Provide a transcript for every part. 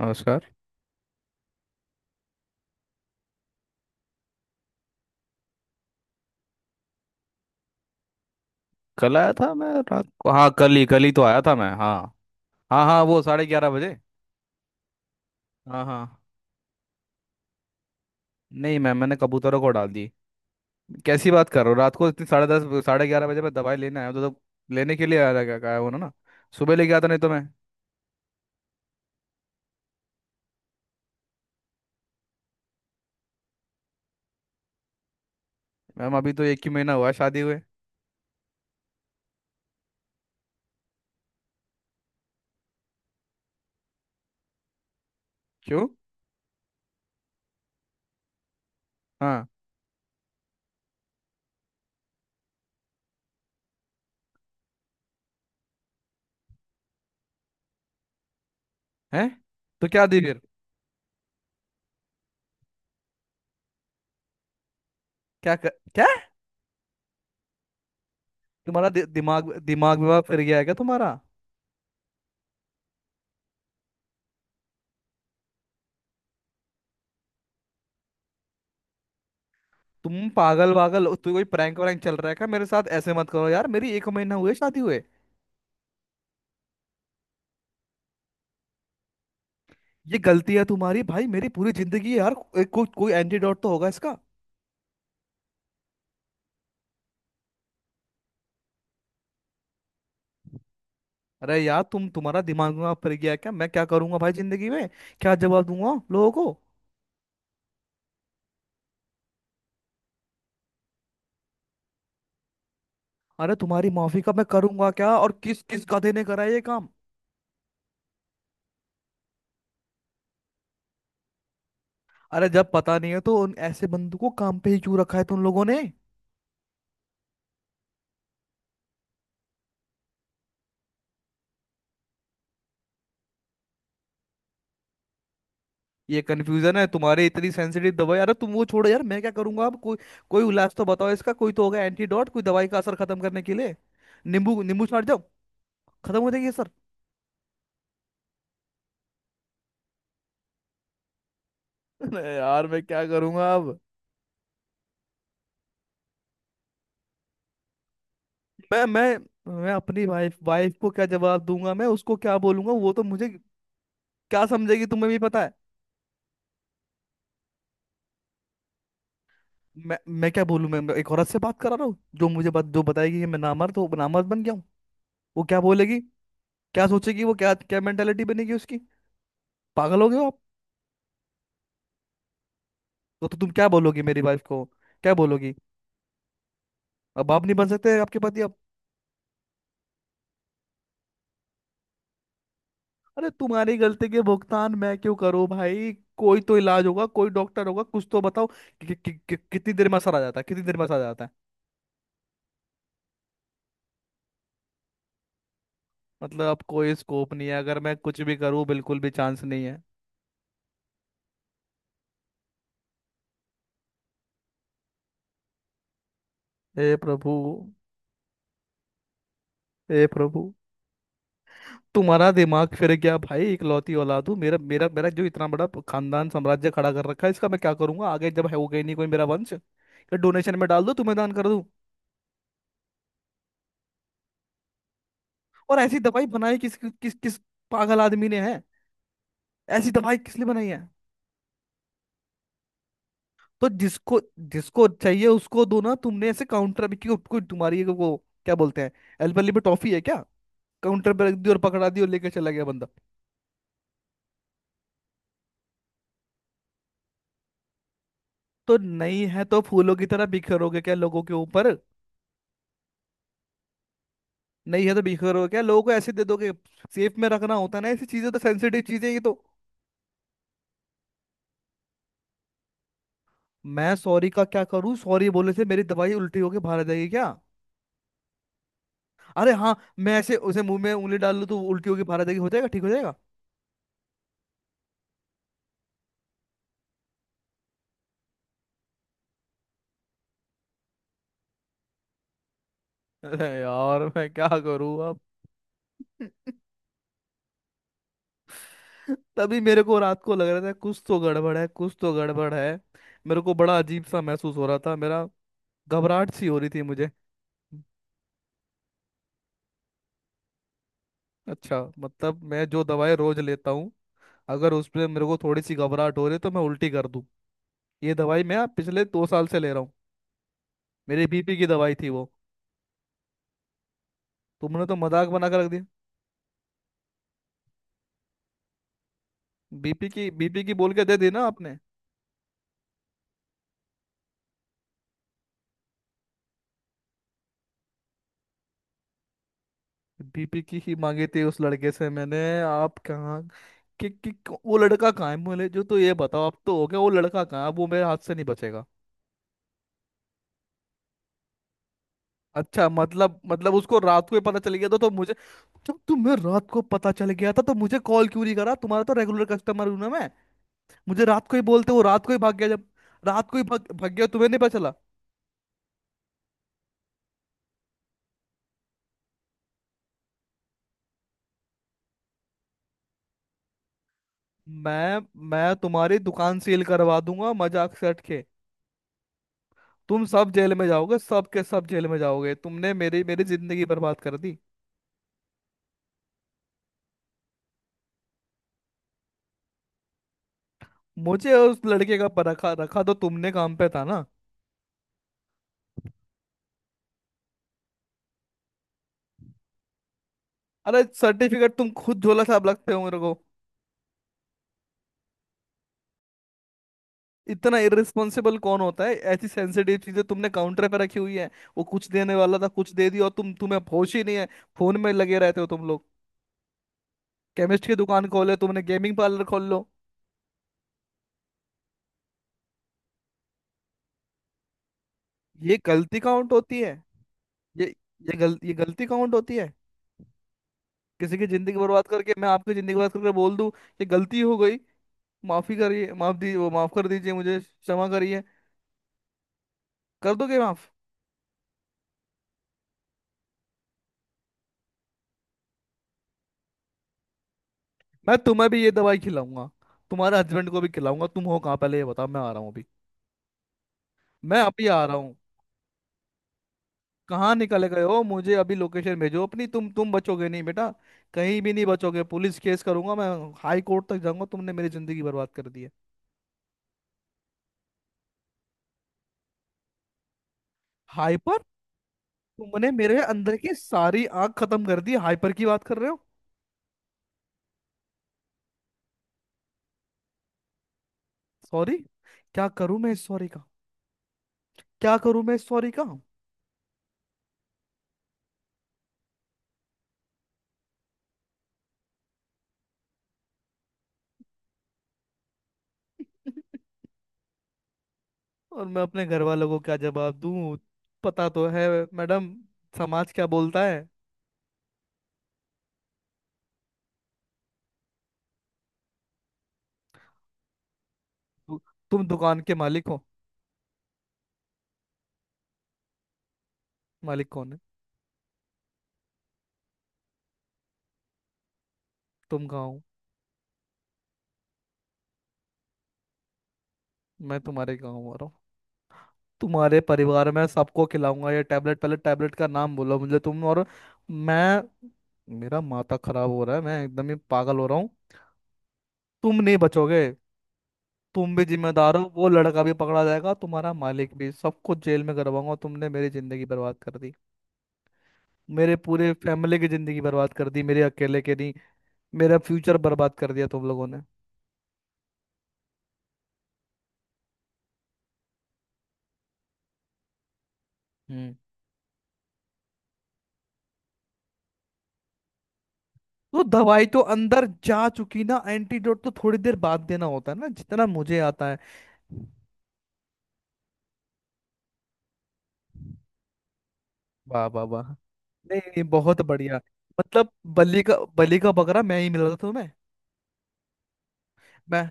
नमस्कार। कल आया था मैं रात को। हाँ, कल ही तो आया था मैं। हाँ हाँ हाँ, वो 11:30 बजे। हाँ हाँ। नहीं मैम, मैंने कबूतरों को डाल दी। कैसी बात कर रहे हो? रात को इतनी 10:30 11:30 बजे मैं दवाई लेने आया हूँ, तो लेने के लिए आया था, क्या कहा उन्होंने ना। सुबह लेके आता, नहीं तो मैं। मैम अभी तो एक ही महीना हुआ है शादी हुए। क्यों? हाँ। है? तो क्या दी फिर? क्या कर, क्या दिमाग दिमाग विभाग फिर गया है क्या तुम्हारा? तुम पागल वागल तू कोई प्रैंक वैंक चल रहा है क्या मेरे साथ? ऐसे मत करो यार, मेरी एक महीना हुए शादी हुए। ये गलती है तुम्हारी भाई, मेरी पूरी जिंदगी है यार। कोई एंटीडोट तो होगा इसका। अरे यार, तुम्हारा दिमाग में फिर गया है क्या? मैं क्या करूंगा भाई जिंदगी में? क्या जवाब दूंगा लोगों को? अरे तुम्हारी माफी का मैं करूंगा क्या? और किस किस गधे ने करा ये काम? अरे जब पता नहीं है तो उन ऐसे बंदों को काम पे ही क्यों रखा है तुम लोगों ने? ये कंफ्यूजन है तुम्हारे, इतनी सेंसिटिव दवाई? अरे तुम वो छोड़ो यार, मैं क्या करूंगा अब? कोई कोई इलाज तो बताओ इसका, कोई तो होगा एंटीडोट, कोई दवाई का असर खत्म करने के लिए। नींबू नींबू छाट जाओ, खत्म हो जाएगी सर। यार मैं क्या करूंगा अब? मैं मैं अपनी वाइफ वाइफ को क्या जवाब दूंगा? मैं उसको क्या बोलूंगा? वो तो मुझे क्या समझेगी, तुम्हें भी पता है। मैं क्या बोलूं? मैं एक औरत से बात करा रहा हूँ जो मुझे बात जो बताएगी कि मैं नामर्द हूँ, नामर्द बन गया हूँ। वो क्या बोलेगी? क्या सोचेगी? वो क्या क्या मेंटेलिटी बनेगी उसकी? पागल हो गए हो आप। तो तुम क्या बोलोगी मेरी वाइफ को? क्या बोलोगी? अब आप नहीं बन सकते, आपके पति अब। अरे तुम्हारी गलती के भुगतान मैं क्यों करूँ भाई? कोई तो इलाज होगा, कोई डॉक्टर होगा, कुछ तो बताओ कितनी देर में असर आ जाता है, कितनी देर में असर आ जाता है? मतलब अब कोई स्कोप नहीं है? अगर मैं कुछ भी करूँ बिल्कुल भी चांस नहीं है? हे प्रभु। हे प्रभु। तुम्हारा दिमाग फिर गया भाई। इकलौती औलाद हूँ। मेरा मेरा मेरा जो इतना बड़ा खानदान साम्राज्य खड़ा कर रखा है, इसका मैं क्या करूंगा आगे? जब है होगा ही नहीं कोई मेरा वंश, या डोनेशन में डाल दो, तुम्हें दान कर दूं? और ऐसी दवाई बनाई किस किस किस पागल आदमी ने है? ऐसी दवाई किस लिए बनाई है? तो जिसको जिसको चाहिए उसको दो ना, तुमने ऐसे काउंटर भी क्यों? कोई तुम्हारी वो क्या बोलते हैं, एल्बली में टॉफी है क्या? काउंटर पे रख दी और पकड़ा दी और लेके चला गया बंदा। तो नहीं है तो फूलों की तरह बिखरोगे क्या लोगों के ऊपर? नहीं है तो बिखरोगे क्या? लोगों को ऐसे दे दोगे? सेफ में रखना होता है ना ऐसी चीजें, तो सेंसिटिव चीजें ये तो। मैं सॉरी का क्या करूं? सॉरी बोलने से मेरी दवाई उल्टी होके बाहर आ जाएगी क्या? अरे हाँ, मैं ऐसे उसे मुंह में उंगली डाल लूं तो उल्टी होके बाहर आ जाएगी, हो जाएगा ठीक हो जाएगा। अरे यार मैं क्या करूं अब। तभी मेरे को रात को लग रहा था कुछ तो गड़बड़ है, कुछ तो गड़बड़ है। मेरे को बड़ा अजीब सा महसूस हो रहा था। मेरा घबराहट सी हो रही थी मुझे। अच्छा, मतलब मैं जो दवाई रोज लेता हूँ, अगर उसमें मेरे को थोड़ी सी घबराहट हो रही है तो मैं उल्टी कर दूँ? ये दवाई मैं पिछले 2 साल से ले रहा हूँ। मेरी बीपी की दवाई थी वो। तुमने तो मजाक बना कर रख दिया। बीपी की बोल के दे दी ना आपने? बीपी की ही मांगी थी उस लड़के से मैंने, आप कहाँ? कि, कि, वो लड़का कहाँ है बोले जो तो ये बताओ अब तो हो गया, वो लड़का कहाँ है? अब वो मेरे हाथ से नहीं बचेगा। अच्छा, मतलब उसको रात को ही पता चल गया था तो मुझे। जब तुम्हें रात को पता चल गया था तो मुझे कॉल क्यों नहीं करा? तुम्हारा तो रेगुलर कस्टमर हूं ना मैं। मुझे रात को ही बोलते हो रात को ही भाग गया जब? रात को ही भाग गया तुम्हें नहीं पता चला? मैं मैं तुम्हारी दुकान सील करवा दूंगा, मजाक से हट के। तुम सब जेल में जाओगे, सब के सब जेल में जाओगे। तुमने मेरी मेरी जिंदगी बर्बाद कर दी। मुझे और उस लड़के का पर रखा रखा तो तुमने काम पे था ना? अरे सर्टिफिकेट तुम खुद झोला छाप लगते हो मेरे को। इतना इररिस्पॉन्सिबल कौन होता है? ऐसी सेंसिटिव चीजें तुमने काउंटर पे रखी हुई है। वो कुछ देने वाला था कुछ दे दिया और तुम, तुम्हें होश ही नहीं है। फोन में लगे रहते हो तुम लोग। केमिस्ट की दुकान खोले, तुमने गेमिंग पार्लर खोल लो। ये गलती काउंट होती है? ये ये गलती काउंट होती है? किसी की जिंदगी बर्बाद करके, मैं आपकी जिंदगी बर्बाद करके बोल दूं ये गलती हो गई, माफी करिए, माफ दी, वो माफ कर दीजिए मुझे, क्षमा करिए, कर दोगे माफ? मैं तुम्हें भी ये दवाई खिलाऊंगा, तुम्हारे हस्बैंड को भी खिलाऊंगा। तुम हो कहाँ पहले ये बताओ, मैं आ रहा हूँ अभी, मैं अभी आ रहा हूँ। कहाँ निकल गए हो? मुझे अभी लोकेशन भेजो अपनी। तुम बचोगे नहीं बेटा, कहीं भी नहीं बचोगे। पुलिस केस करूंगा मैं, हाई कोर्ट तक जाऊंगा। तुमने मेरी जिंदगी बर्बाद कर दी है। हाइपर? तुमने मेरे अंदर की सारी आग खत्म कर दी, हाइपर की बात कर रहे हो? सॉरी? क्या करूं मैं इस सॉरी का? क्या करूं मैं इस सॉरी का? और मैं अपने घर वालों को क्या जवाब दूं? पता तो है मैडम, समाज क्या बोलता है। तु, तुम दुकान के मालिक हो? मालिक कौन है? तुम कहाँ हो? मैं तुम्हारे गाँव आ रहा हूँ, तुम्हारे परिवार में सबको खिलाऊंगा ये टैबलेट। पहले टैबलेट का नाम बोलो मुझे तुम, और मैं। मेरा माथा खराब हो रहा है, मैं एकदम ही पागल हो रहा हूँ। तुम नहीं बचोगे। तुम भी जिम्मेदार हो, वो लड़का भी पकड़ा जाएगा, तुम्हारा मालिक भी, सबको जेल में करवाऊंगा। तुमने मेरी जिंदगी बर्बाद कर दी, मेरे पूरे फैमिली की जिंदगी बर्बाद कर दी, मेरे अकेले के नहीं। मेरा फ्यूचर बर्बाद कर दिया तुम लोगों ने। हम्म। तो दवाई तो अंदर जा चुकी ना, एंटीडोट तो थोड़ी देर बाद देना होता है ना, जितना मुझे आता है। वाह वाह वाह। नहीं नहीं, बहुत बढ़िया। मतलब बली का बकरा मैं ही मिल रहा था तुम्हें? मैं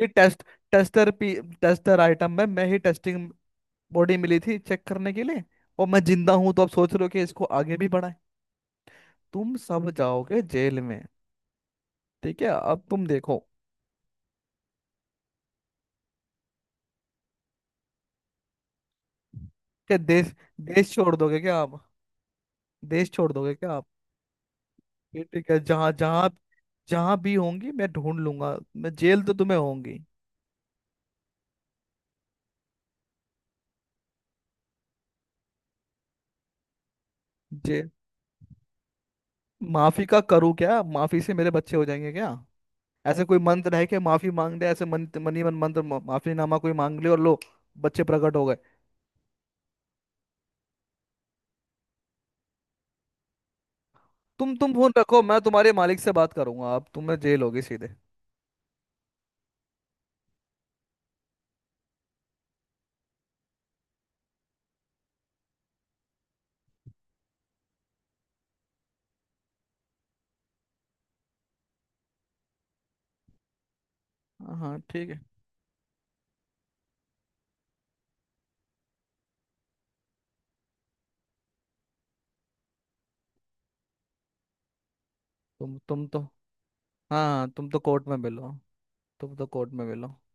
ये टेस्टर पी टेस्टर आइटम में मैं ही टेस्टिंग बॉडी मिली थी चेक करने के लिए? और मैं जिंदा हूं तो अब सोच रहे हो कि इसको आगे भी बढ़ाएं? तुम सब जाओगे जेल में। ठीक है, अब तुम देखो। क्या देश, देश छोड़ दोगे क्या आप? देश छोड़ दोगे क्या आप? ये ठीक है, जहाँ जहाँ जहाँ भी होंगी मैं ढूंढ लूंगा, मैं जेल तो तुम्हें होंगी। जेल? माफी का करूँ क्या? माफी से मेरे बच्चे हो जाएंगे क्या? ऐसे कोई मंत्र है कि माफी मांग दे ऐसे, मन मन ही मन मंत्र, माफीनामा कोई मांग ले और लो बच्चे प्रकट हो गए? तुम फोन रखो, मैं तुम्हारे मालिक से बात करूंगा, अब तुम्हें जेल होगी सीधे। हाँ हाँ, ठीक है। तुम तो हाँ हाँ, तुम तो कोर्ट में मिलो, तुम तो कोर्ट में मिलो।